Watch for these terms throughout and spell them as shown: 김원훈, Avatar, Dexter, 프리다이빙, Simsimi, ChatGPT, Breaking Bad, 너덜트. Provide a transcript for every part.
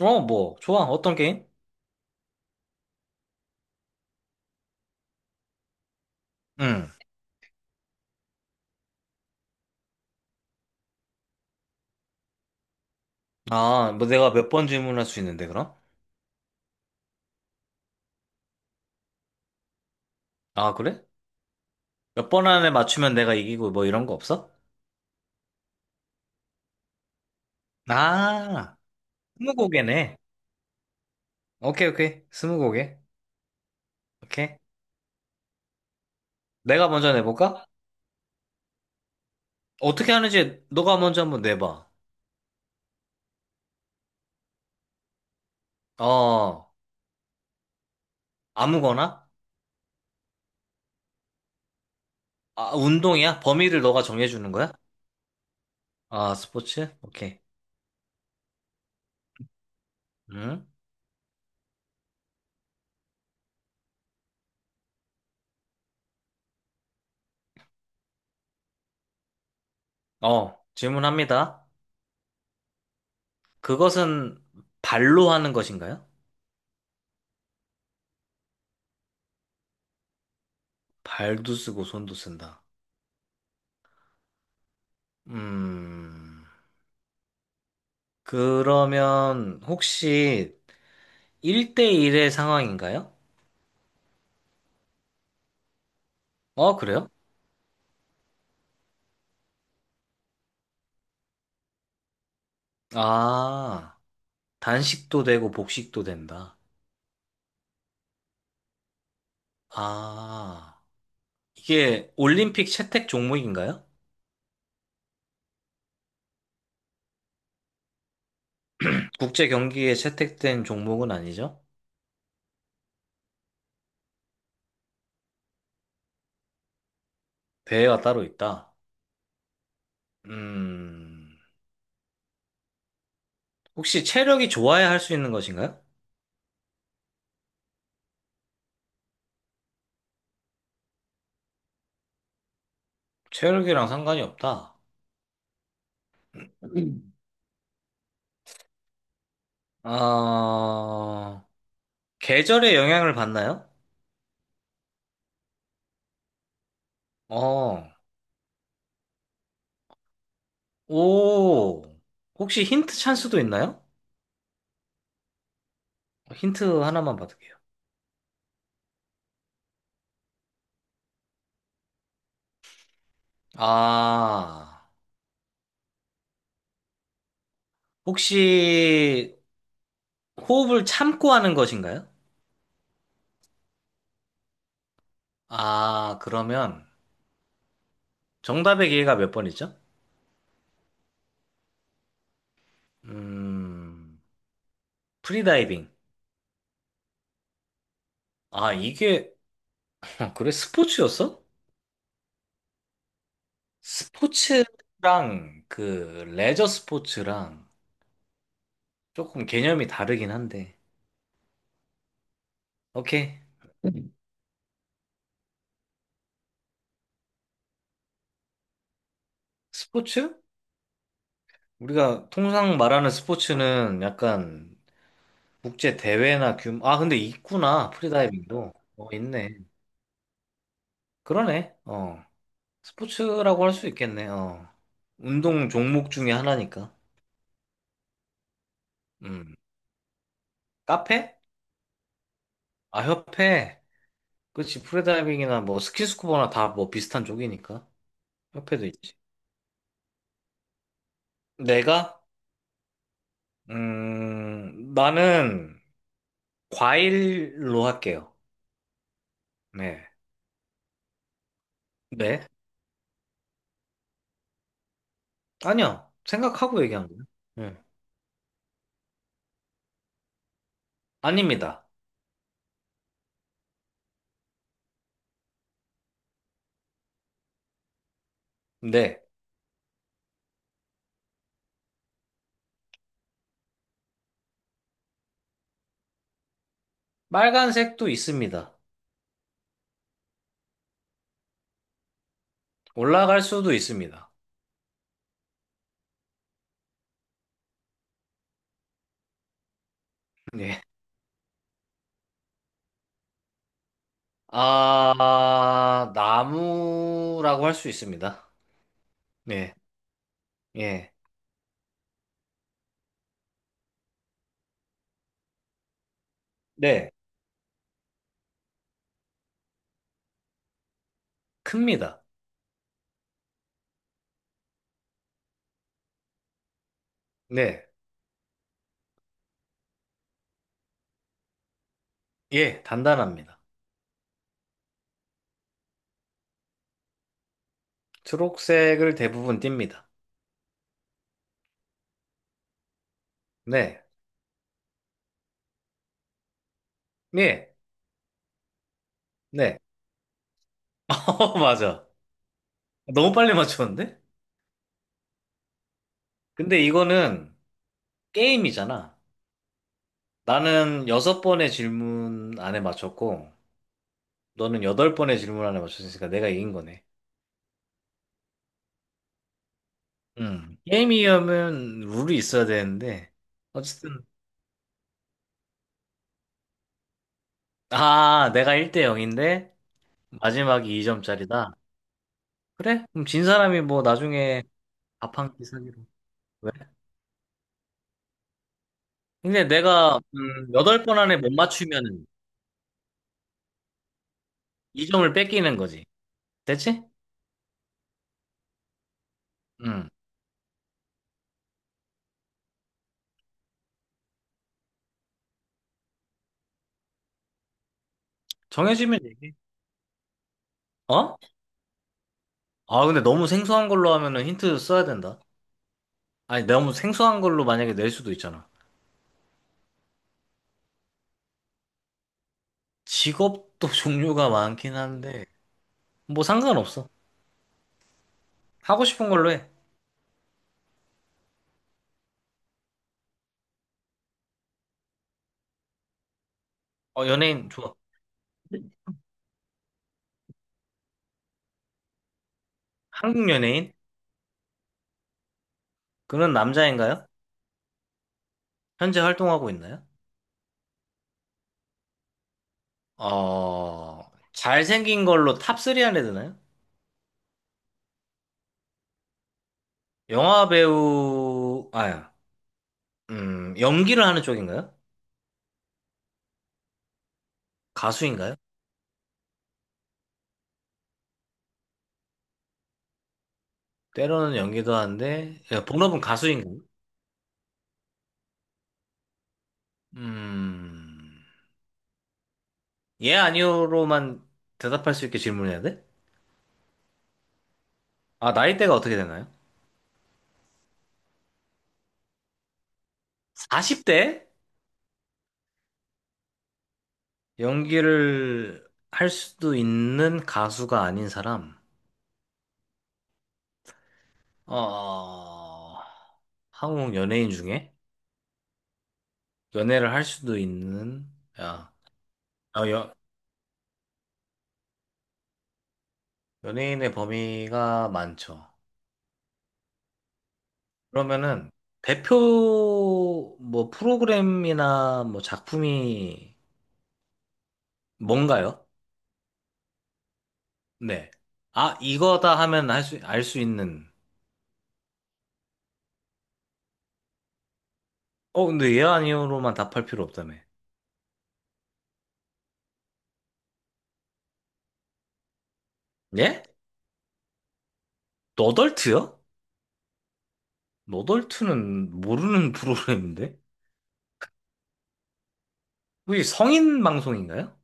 좋아. 어떤 게임? 응. 아, 뭐 내가 몇 번 질문할 수 있는데, 그럼? 아, 그래? 몇 번 안에 맞추면 내가 이기고 뭐 이런 거 없어? 아, 스무고개네. 오케이, 오케이. 스무고개. 오케이. 내가 먼저 내볼까? 어떻게 하는지 너가 먼저 한번 내봐. 어, 아무거나? 아, 운동이야? 범위를 너가 정해주는 거야? 아, 스포츠? 오케이. 응? 질문합니다. 그것은 발로 하는 것인가요? 발도 쓰고 손도 쓴다. 음, 그러면 혹시 1대1의 상황인가요? 어, 그래요? 아, 단식도 되고 복식도 된다. 아, 이게 올림픽 채택 종목인가요? 국제 경기에 채택된 종목은 아니죠? 대회가 따로 있다. 음, 혹시 체력이 좋아야 할 수 있는 것인가요? 체력이랑 상관이 없다. 음. 아, 계절에 영향을 받나요? 어, 오, 혹시 힌트 찬스도 있나요? 힌트 하나만 받을게요. 아, 혹시 호흡을 참고 하는 것인가요? 아, 그러면 정답의 기회가 몇 번이죠? 음, 프리다이빙. 아, 이게, 그래, 스포츠였어? 스포츠랑 그 레저 스포츠랑 조금 개념이 다르긴 한데. 오케이. 스포츠? 우리가 통상 말하는 스포츠는 약간 국제 대회나 규모, 아, 근데 있구나. 프리다이빙도. 어, 있네. 그러네. 어. 스포츠라고 할 수 있겠네. 어. 운동 종목 중에 하나니까. 음. 카페? 아, 협회. 그치. 프리다이빙이나 뭐 스키스쿠버나 다 뭐 비슷한 쪽이니까. 협회도 있지. 내가? 나는 과일로 할게요. 네. 네? 아니요. 생각하고 얘기한 거예요. 네. 아닙니다. 네. 빨간색도 있습니다. 올라갈 수도 있습니다. 네. 아, 나무라고 할 수 있습니다. 네. 예. 네. 큽니다. 네. 예. 단단합니다. 초록색을 대부분 띱니다. 네. 네. 네. 어, 맞아. 너무 빨리 맞췄는데? 근데 이거는 게임이잖아. 나는 여섯 번의 질문 안에 맞췄고, 너는 여덟 번의 질문 안에 맞췄으니까 내가 이긴 거네. 음. 게임이면 룰이 있어야 되는데, 어쨌든 아, 내가 1대 0인데 마지막이 2점짜리다. 그래? 그럼 진 사람이 뭐 나중에 밥 한 끼 사기로. 왜? 근데 내가 8번 안에 못 맞추면 2점을 뺏기는 거지. 됐지? 응. 정해지면 얘기해. 어? 아, 근데 너무 생소한 걸로 하면은 힌트 써야 된다. 아니, 너무 생소한 걸로 만약에 낼 수도 있잖아. 직업도 종류가 많긴 한데 뭐 상관없어. 하고 싶은 걸로 해. 어, 연예인 좋아. 한국 연예인? 그는 남자인가요? 현재 활동하고 있나요? 어, 잘생긴 걸로 탑 3 안에 드나요? 영화 배우, 아, 연기를 하는 쪽인가요? 가수인가요? 때로는 연기도 하는데, 예, 본업은 가수인가요? 음, 예, 아니요로만 대답할 수 있게 질문해야 돼? 아, 나이대가 어떻게 되나요? 40대? 연기를 할 수도 있는 가수가 아닌 사람? 어, 한국 연예인 중에? 연애를 할 수도 있는, 야. 어, 연예인의 범위가 많죠. 그러면은 대표 뭐 프로그램이나 뭐 작품이 뭔가요? 네. 아, 이거다 하면 할 수, 알 수 있는. 어, 근데 예 아니요로만 답할 필요 없다며. 예? 너덜트요? 너덜트는 모르는 프로그램인데? 혹시 성인 방송인가요?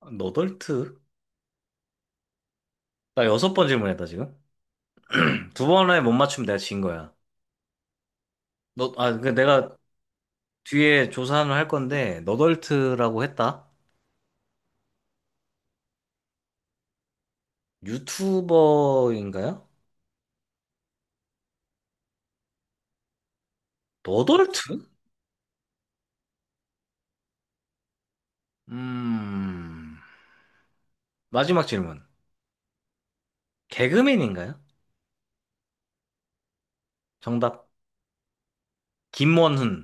아, 너덜트? 나 여섯 번 질문했다, 지금. 두 번에 못 맞추면 내가 진 거야. 너, 아, 그 내가 뒤에 조사를 할 건데, 너덜트라고 했다. 유튜버인가요? 너덜트? 음, 마지막 질문. 개그맨인가요? 정답. 김원훈.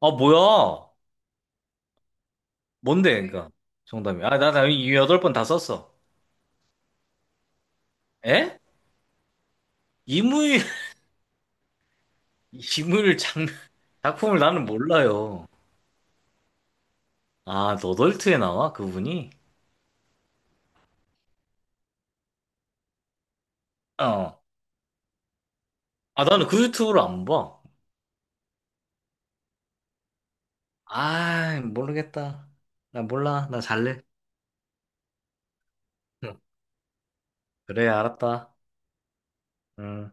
아, 뭐야? 뭔데, 그니까. 정답이. 아, 나이 여덟 번 다 썼어. 에? 이무일, 이무일 장, 작품을 나는 몰라요. 아, 너덜트에 나와? 그분이? 어. 아, 나는 그 유튜브를 안 봐. 아, 모르겠다. 나 몰라. 나 잘래. 응. 그래, 알았다. 음.